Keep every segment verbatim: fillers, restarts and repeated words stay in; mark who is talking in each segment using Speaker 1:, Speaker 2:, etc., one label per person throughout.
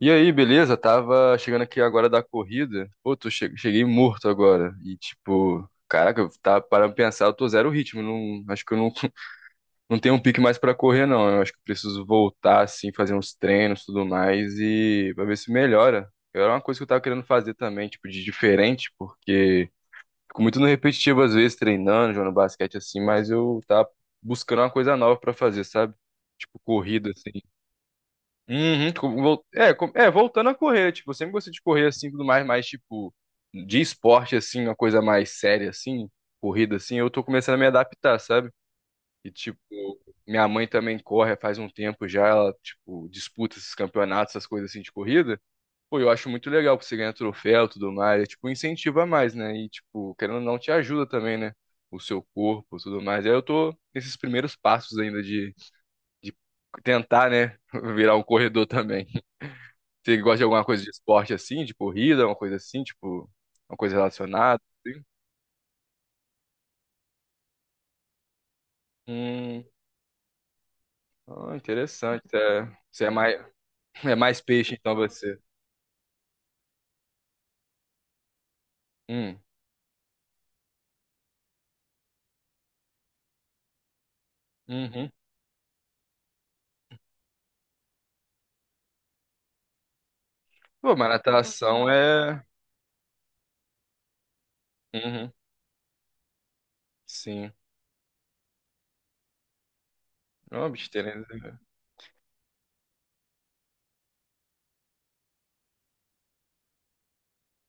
Speaker 1: E aí, beleza? Tava chegando aqui agora da corrida. Pô, tô che- cheguei morto agora. E tipo, caraca, eu tava parando pra pensar, eu tô zero ritmo. Não, acho que eu não, não tenho um pique mais pra correr, não. Eu acho que eu preciso voltar, assim, fazer uns treinos e tudo mais e pra ver se melhora. Era uma coisa que eu tava querendo fazer também, tipo, de diferente, porque fico muito no repetitivo às vezes, treinando, jogando basquete assim, mas eu tava buscando uma coisa nova pra fazer, sabe? Tipo, corrida, assim. Uhum, co- vol- é, co- é, voltando a correr, tipo, eu sempre gostei de correr assim, tudo mais, mas tipo, de esporte assim, uma coisa mais séria assim, corrida assim, eu tô começando a me adaptar, sabe? E tipo, minha mãe também corre faz um tempo já, ela tipo, disputa esses campeonatos, essas coisas assim de corrida. Pô, eu acho muito legal porque você ganha troféu, e tudo mais, é, tipo, incentiva mais, né? E tipo, querendo ou não, te ajuda também, né? O seu corpo, tudo mais. Aí eu tô nesses primeiros passos ainda de, de tentar, né, virar um corredor também. Você gosta de alguma coisa de esporte assim, de corrida, uma coisa assim, tipo, uma coisa relacionada, assim? Hum, ah, interessante. É, você é mais, é mais peixe, então você. Hum, uhum. Pô, mas natação é. Uhum, sim. É uma besteira, né?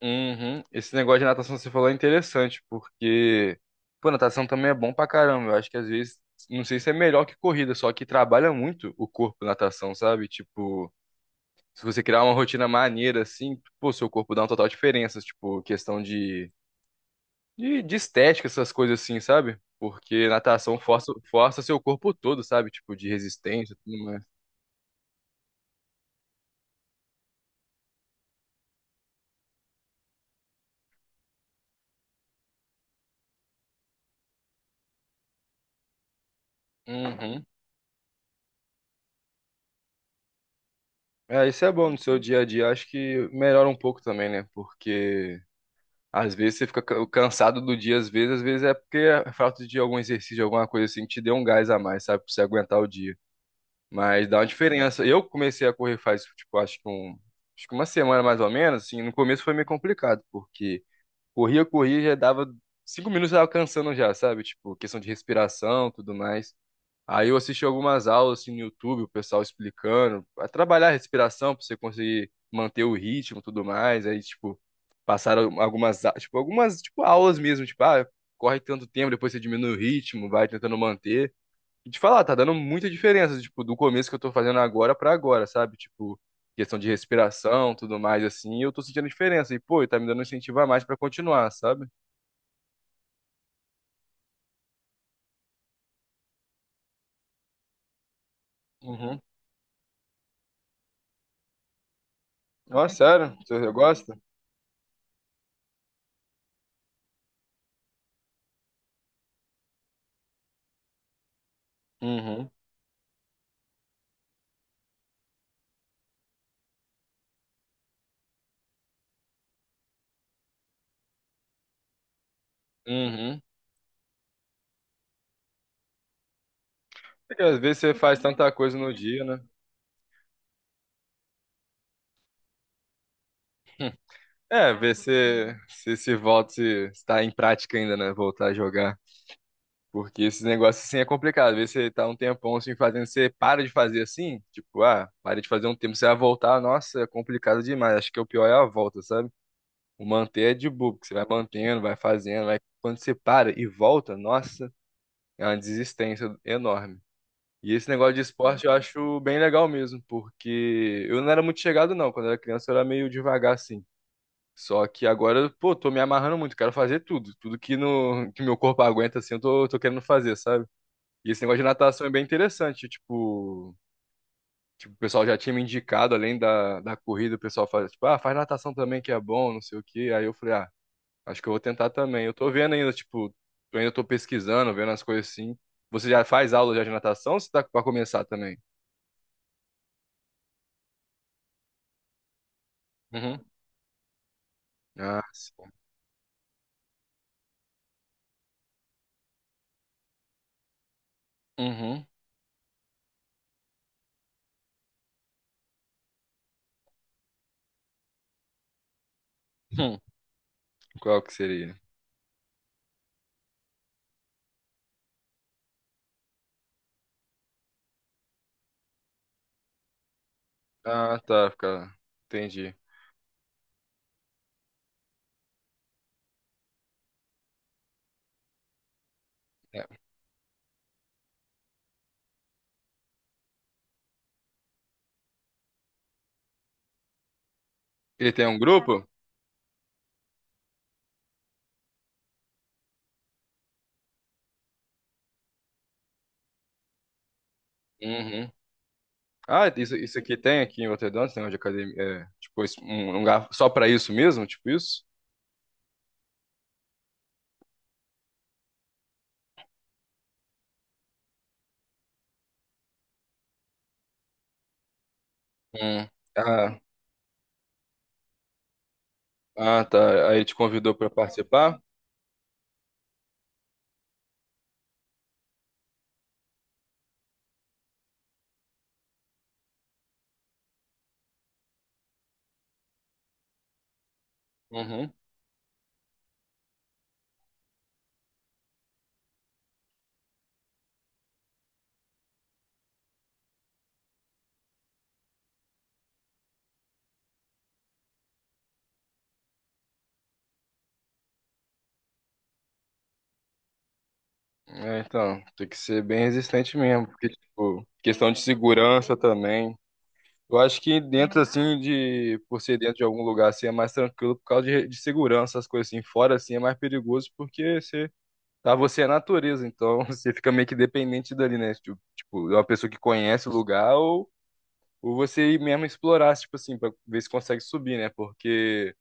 Speaker 1: Uhum. Esse negócio de natação que você falou é interessante, porque, pô, natação também é bom pra caramba. Eu acho que às vezes, não sei se é melhor que corrida, só que trabalha muito o corpo natação, sabe? Tipo. Se você criar uma rotina maneira, assim, pô, seu corpo dá uma total diferença, tipo, questão de, de, de estética, essas coisas assim, sabe? Porque natação força, força seu corpo todo, sabe? Tipo, de resistência e tudo mais. Uhum. É, isso é bom no seu dia a dia. Acho que melhora um pouco também, né? Porque às vezes você fica ca- cansado do dia, às vezes, às vezes é porque a falta de algum exercício, alguma coisa assim, que te dê um gás a mais, sabe? Pra você aguentar o dia. Mas dá uma diferença. Eu comecei a correr faz, tipo, acho que um, acho que uma semana mais ou menos, assim, no começo foi meio complicado, porque corria, corria, já dava cinco minutos já alcançando já, sabe? Tipo, questão de respiração, tudo mais. Aí eu assisti algumas aulas assim no YouTube, o pessoal explicando, a trabalhar a respiração para você conseguir manter o ritmo, e tudo mais. Aí, tipo, passaram algumas, a- tipo, algumas, tipo, aulas mesmo, tipo, ah, corre tanto tempo, depois você diminui o ritmo, vai tentando manter. E te falar, tá dando muita diferença, tipo, do começo que eu tô fazendo agora pra agora, sabe? Tipo, questão de respiração, tudo mais, assim, eu tô sentindo diferença. E, pô, tá me dando um incentivo a mais pra continuar, sabe? Uhum. Ó, sério? Você gosta? Uhum. Uhum. Porque às vezes você faz tanta coisa no dia, né? É, ver se se, se volta, se está em prática ainda, né? Voltar a jogar. Porque esse negócio assim é complicado. Às vezes você tá um tempão assim fazendo, você para de fazer assim, tipo, ah, para de fazer um tempo, você vai voltar, nossa, é complicado demais. Acho que é o pior é a volta, sabe? O manter é de boa, porque você vai mantendo, vai fazendo, vai. Quando você para e volta, nossa, é uma desistência enorme. E esse negócio de esporte eu acho bem legal mesmo, porque eu não era muito chegado, não. Quando eu era criança, eu era meio devagar assim. Só que agora, pô, tô me amarrando muito, quero fazer tudo. Tudo que, no, que meu corpo aguenta, assim, eu tô, tô querendo fazer, sabe? E esse negócio de natação é bem interessante, tipo, tipo, o pessoal já tinha me indicado, além da, da corrida, o pessoal faz, tipo, ah, faz natação também que é bom, não sei o quê. Aí eu falei, ah, acho que eu vou tentar também. Eu tô vendo ainda, tipo, eu ainda tô pesquisando, vendo as coisas assim. Você já faz aula já de natação ou você tá pra começar também? Uhum. Ah, sim. Uhum. Hum. Qual que seria? Ah, tá, fica... Entendi. É. Ele tem um grupo? Uhum. Ah, isso, isso aqui tem aqui em Roterdã, tem uma de academia, é, tipo, isso- um um lugar só pra isso mesmo, tipo isso? Hum. Ah, ah, tá. Aí te convidou pra participar? Uhum. É, então, tem que ser bem resistente mesmo, porque, tipo, questão de segurança também. Eu acho que dentro, assim, de, por ser dentro de algum lugar, assim, é mais tranquilo por causa de, de segurança, as coisas assim. Fora, assim, é mais perigoso porque você, tá, você é natureza, então você fica meio que dependente dali, né? Tipo, tipo, de uma pessoa que conhece o lugar ou ou você ir mesmo explorar, tipo assim, pra ver se consegue subir, né? Porque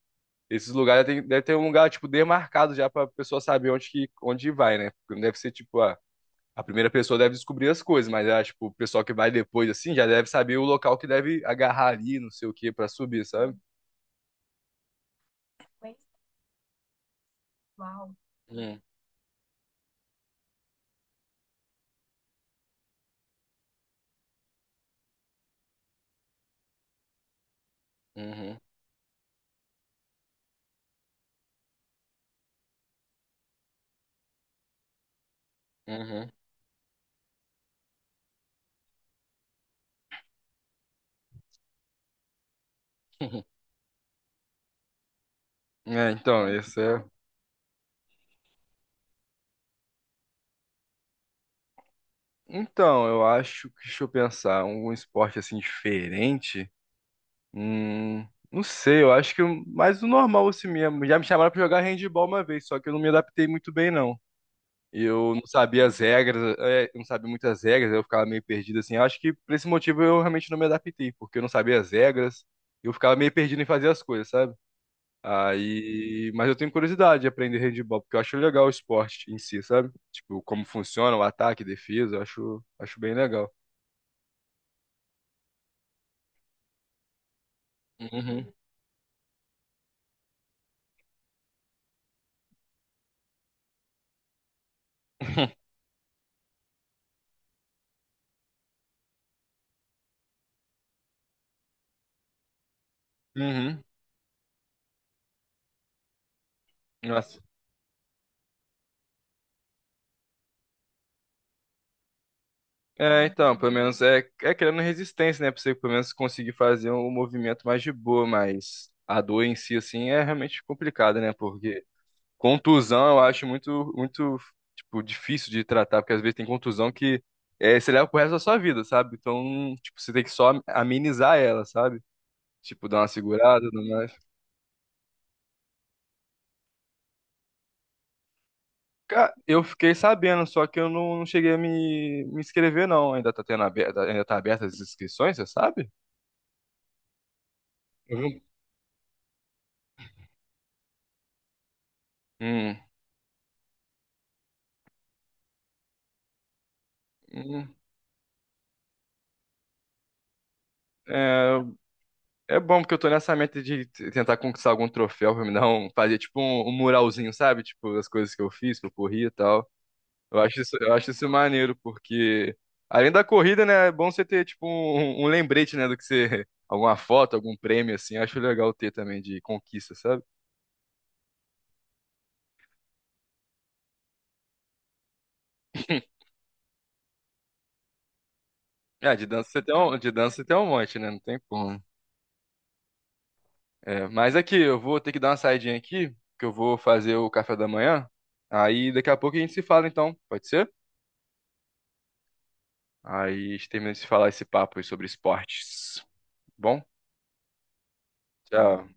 Speaker 1: esses lugares tem, deve ter um lugar, tipo, demarcado já pra pessoa saber onde, que, onde vai, né? Porque não deve ser, tipo, a, a primeira pessoa deve descobrir as coisas, mas, ah, tipo, o pessoal que vai depois, assim, já deve saber o local que deve agarrar ali, não sei o que, pra subir, sabe? Hum, uhum, uhum. É, então, esse é. Então, eu acho que, deixa eu pensar, um esporte assim diferente. Hum, não sei, eu acho que o- mais o normal assim mesmo. Já me chamaram pra jogar handball uma vez, só que eu não me adaptei muito bem, não. Eu não sabia as regras, é, eu não sabia muitas regras, eu ficava meio perdido assim. Eu acho que por esse motivo eu realmente não me adaptei, porque eu não sabia as regras, eu ficava meio perdido em fazer as coisas, sabe? Aí, mas eu tenho curiosidade de aprender handball, porque eu acho legal o esporte em si, sabe? Tipo, como funciona o ataque, defesa, eu acho, acho bem legal. Uhum. Uhum. Nossa. É, então, pelo menos é, é criando resistência, né? Pra você pelo menos conseguir fazer um movimento mais de boa, mas a dor em si, assim, é realmente complicada, né? Porque contusão eu acho muito, muito, tipo, difícil de tratar, porque às vezes tem contusão que é, você leva pro resto da sua vida, sabe? Então, tipo, você tem que só amenizar ela, sabe? Tipo, dar uma segurada, e tudo mais. Cara, eu fiquei sabendo, só que eu não, não cheguei a me, me inscrever, não. Ainda tá tendo aberta, ainda tá aberta as inscrições, você sabe? Eu vi um- Hum. Hum. É, é bom porque eu tô nessa meta de t- tentar conquistar algum troféu pra me dar um, fazer tipo um, um muralzinho, sabe? Tipo, as coisas que eu fiz, que eu corri e tal. Eu acho isso, eu acho isso maneiro, porque além da corrida, né, é bom você ter tipo um, um um lembrete, né, do que você, alguma foto, algum prêmio assim. Eu acho legal ter também de conquista, sabe? É, de dança você tem um, de dança você tem um monte, né? Não tem como. É, mas aqui, eu vou ter que dar uma saidinha aqui, que eu vou fazer o café da manhã. Aí daqui a pouco a gente se fala, então. Pode ser? Aí a gente termina de falar esse papo aí sobre esportes. Bom, tchau.